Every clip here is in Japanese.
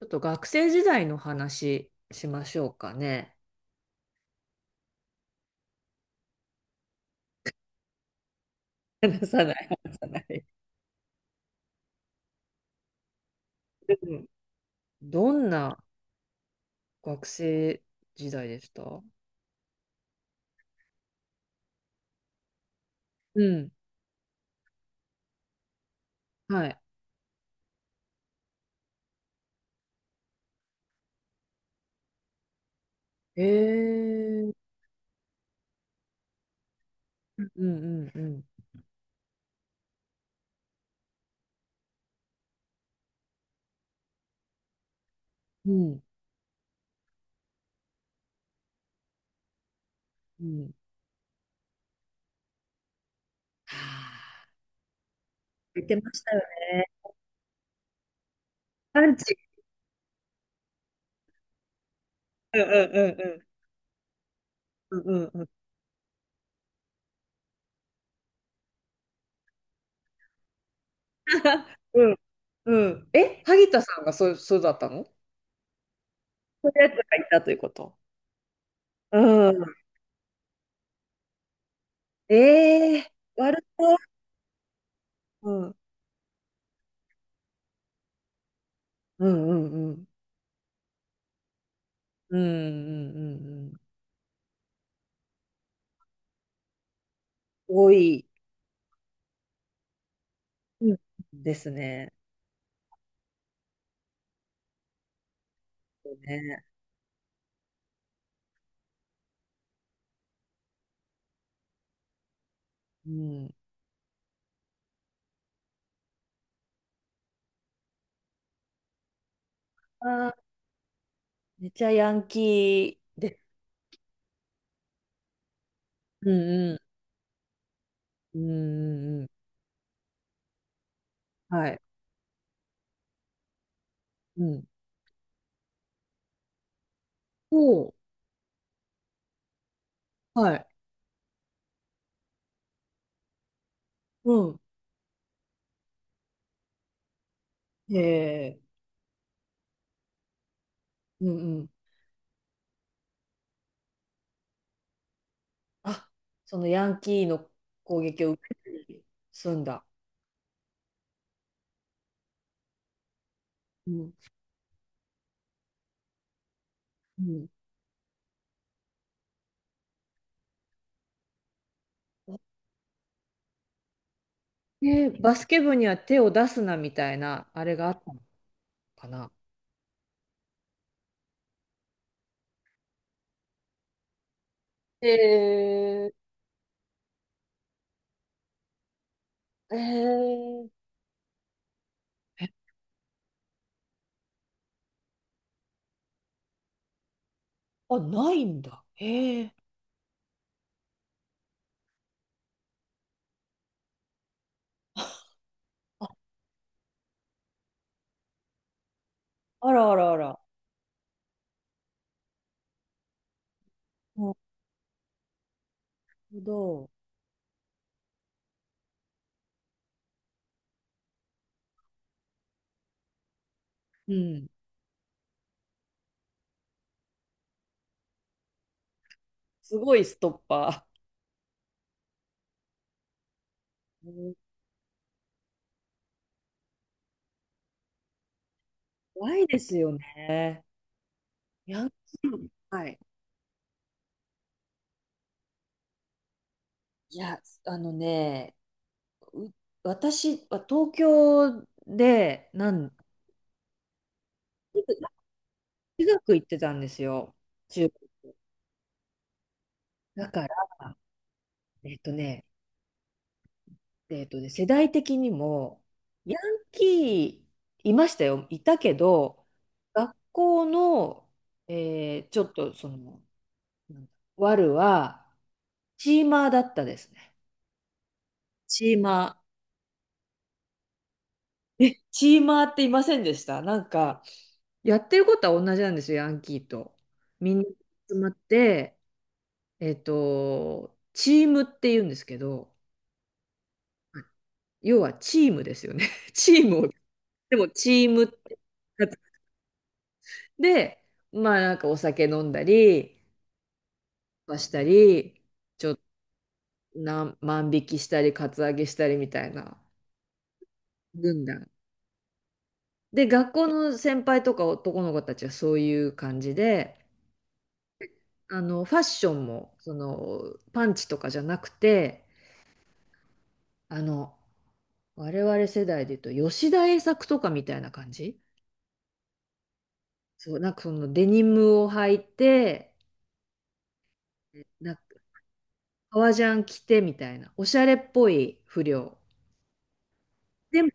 ちょっと学生時代の話しましょうかね。話さない、話さない。うん。どんな学生時代でした？うん。はい。えー。うんうんうん。うんうん。はあ。言ってましたよね。パンチ。うんうんうんうん。うんうんうん。うんうん。え、萩田さんがそう、そうだったの？そういうやつがいたということ。うん。ええー。悪そう。うん。うんうんうんうんうんうんうん。多い。うん、ですね。ね。うん。あー、めっちゃヤンキーで。うんうん。うんうんうん。はい。うん。おう、はい。うん。へえ、うんうん。あ、そのヤンキーの攻撃を受けて済んだ。うん。うん。で、バスケ部には手を出すなみたいな、あれがあったのかな。へえー、えー、え。あ、ないんだ。へえー。あ、あらあらあら。なるほど。うん。すごいストッパー。うん、怖いですよね。ヤンキー。はい。いや、あのね、う、私は東京で、なん、中学行ってたんですよ。中、だから、えっとね、えっとね、世代的にも、ヤンキーいましたよ。いたけど、学校の、えーちょっとその、なんだワルは、チーマーだったですね。チーマー。え、チーマーっていませんでした？なんか、やってることは同じなんですよ、ヤンキーと。みんな集まって、えっと、チームって言うんですけど、要はチームですよね。チームを、でもチームって、で、まあなんかお酒飲んだり、したり、ちょっと何万引きしたり、カツアゲしたりみたいな軍団。で、学校の先輩とか男の子たちはそういう感じで、ファッションも、その、パンチとかじゃなくて、あの、我々世代で言うと、吉田栄作とかみたいな感じ。そう、なんかそのデニムを履いて、なんか革ジャン着てみたいな、おしゃれっぽい不良。でも、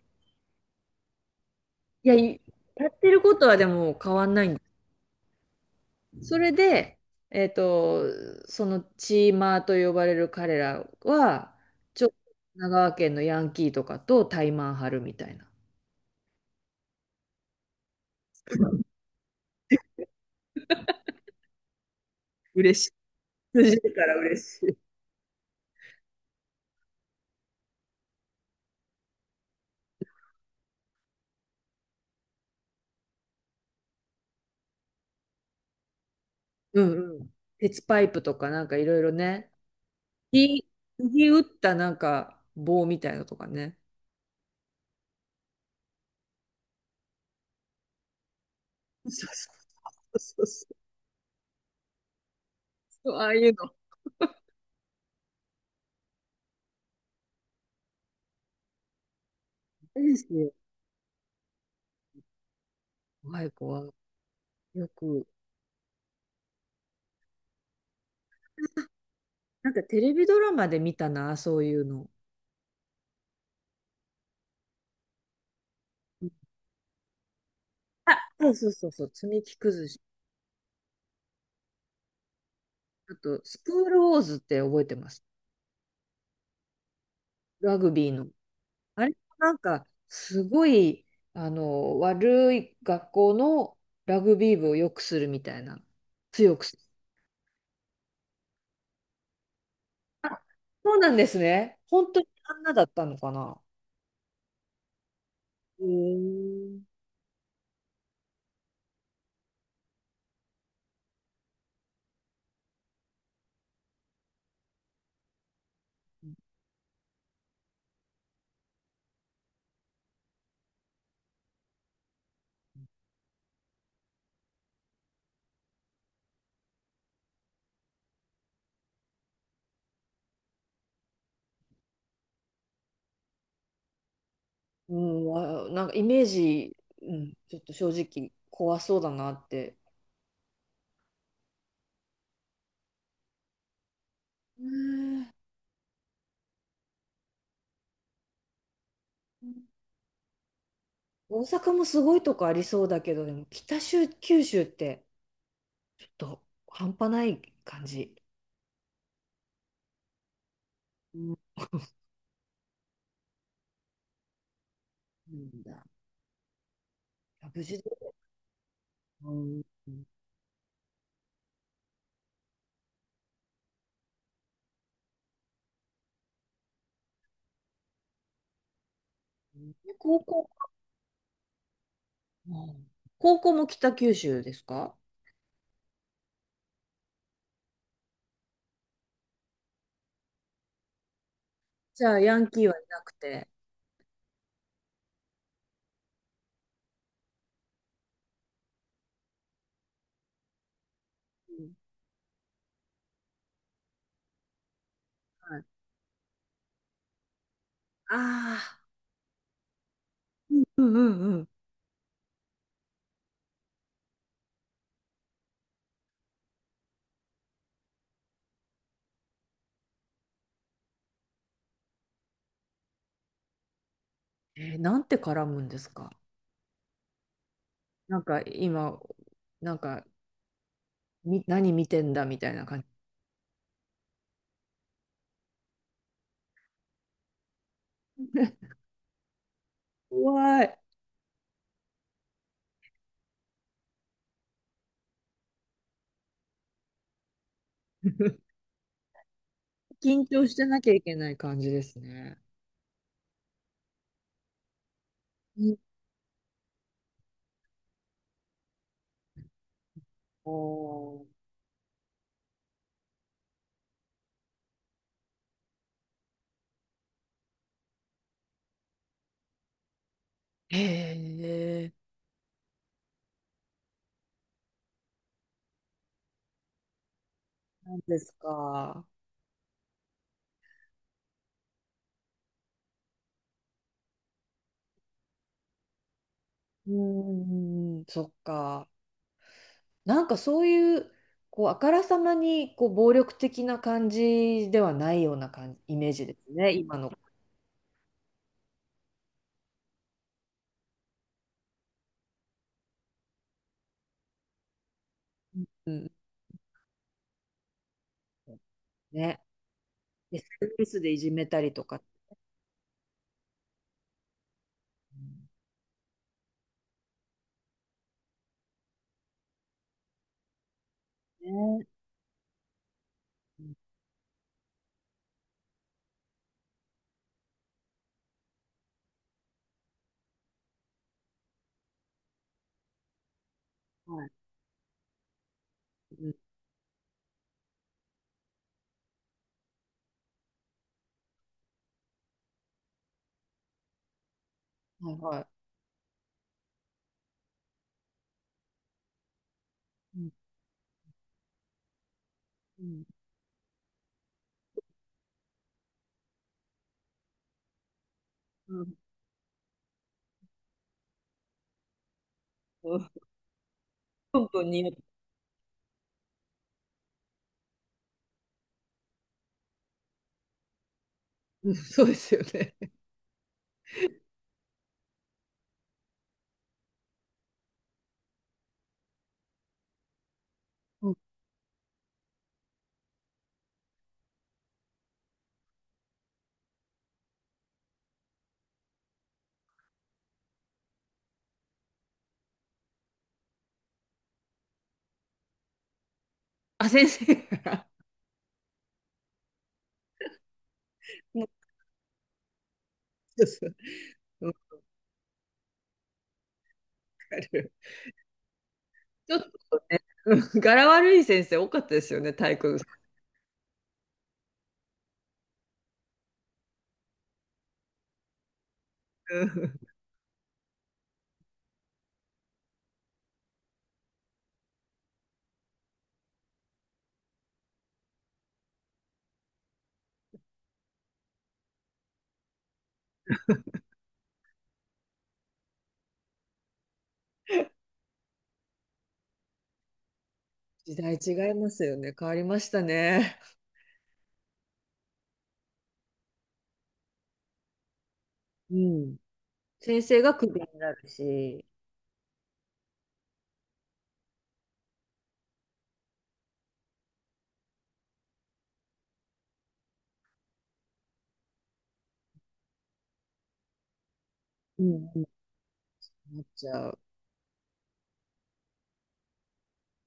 いや、いやってることはでも変わんないん、それで、えっと、そのチーマーと呼ばれる彼らは、ちょっと神奈川県のヤンキーとかと対マン張るみたいな。嬉しい。通じるから嬉しい。うんうん。鉄パイプとかなんかいろいろね。釘、釘打ったなんか棒みたいなのとかね。そうそうそうそうそう。ああいうの。いいですよ。怖い怖い。よく。なんかテレビドラマで見たな、そういうの。あ、そうそうそうそう、積み木崩し。あと、スクールウォーズって覚えてます？ラグビーの。あれもなんか、すごい、悪い学校のラグビー部を良くするみたいな。強くする。あ、そうなんですね。本当にあんなだったのかな。うーん。うん、あ、なんかイメージ、うん、ちょっと正直怖そうだなって。うん。大阪もすごいとこありそうだけど、でも北州、九州ってちょっと半端ない感じ。うん。なんだ。あ、無事で。うん。で高校、うん、高校も北九州ですか？じゃあ、ヤンキーはいなくて。うん。はい、ああ、うんうんうんうん。えー、なんて絡むんですか？なんか今、なんか、み、何見てんだみたいな感じ。怖い。緊張してなきゃいけない感じですね。うん。おー、へえ、なんですか。うーん、そっか。なんかそういう、こう、あからさまに、こう、暴力的な感じではないような感じ、イメージですね、今の。うん。ね。SNS でいじめたりとか。うん。ね。うん。はい。うん。はいはい。うんうんうんうん、本当に。うん、そうですよね。うん。あ、先生が。うん。そうそう。わかる。ちょっとね、うん、柄悪い先生多かったですよね、体育の。時代違いますよね。変わりましたね。うん。先生がクビになるし、うん、うん、なっちゃう。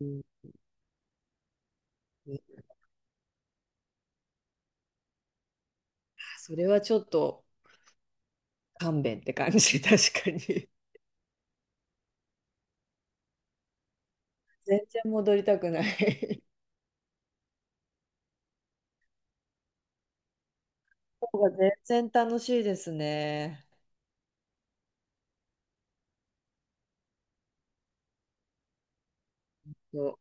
うんうん。それはちょっと勘弁って感じ、確かに。全然戻りたくない方が全然楽しいですね。そう、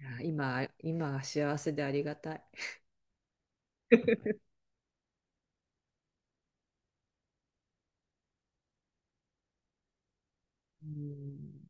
いや今、今は幸せでありがたい。うん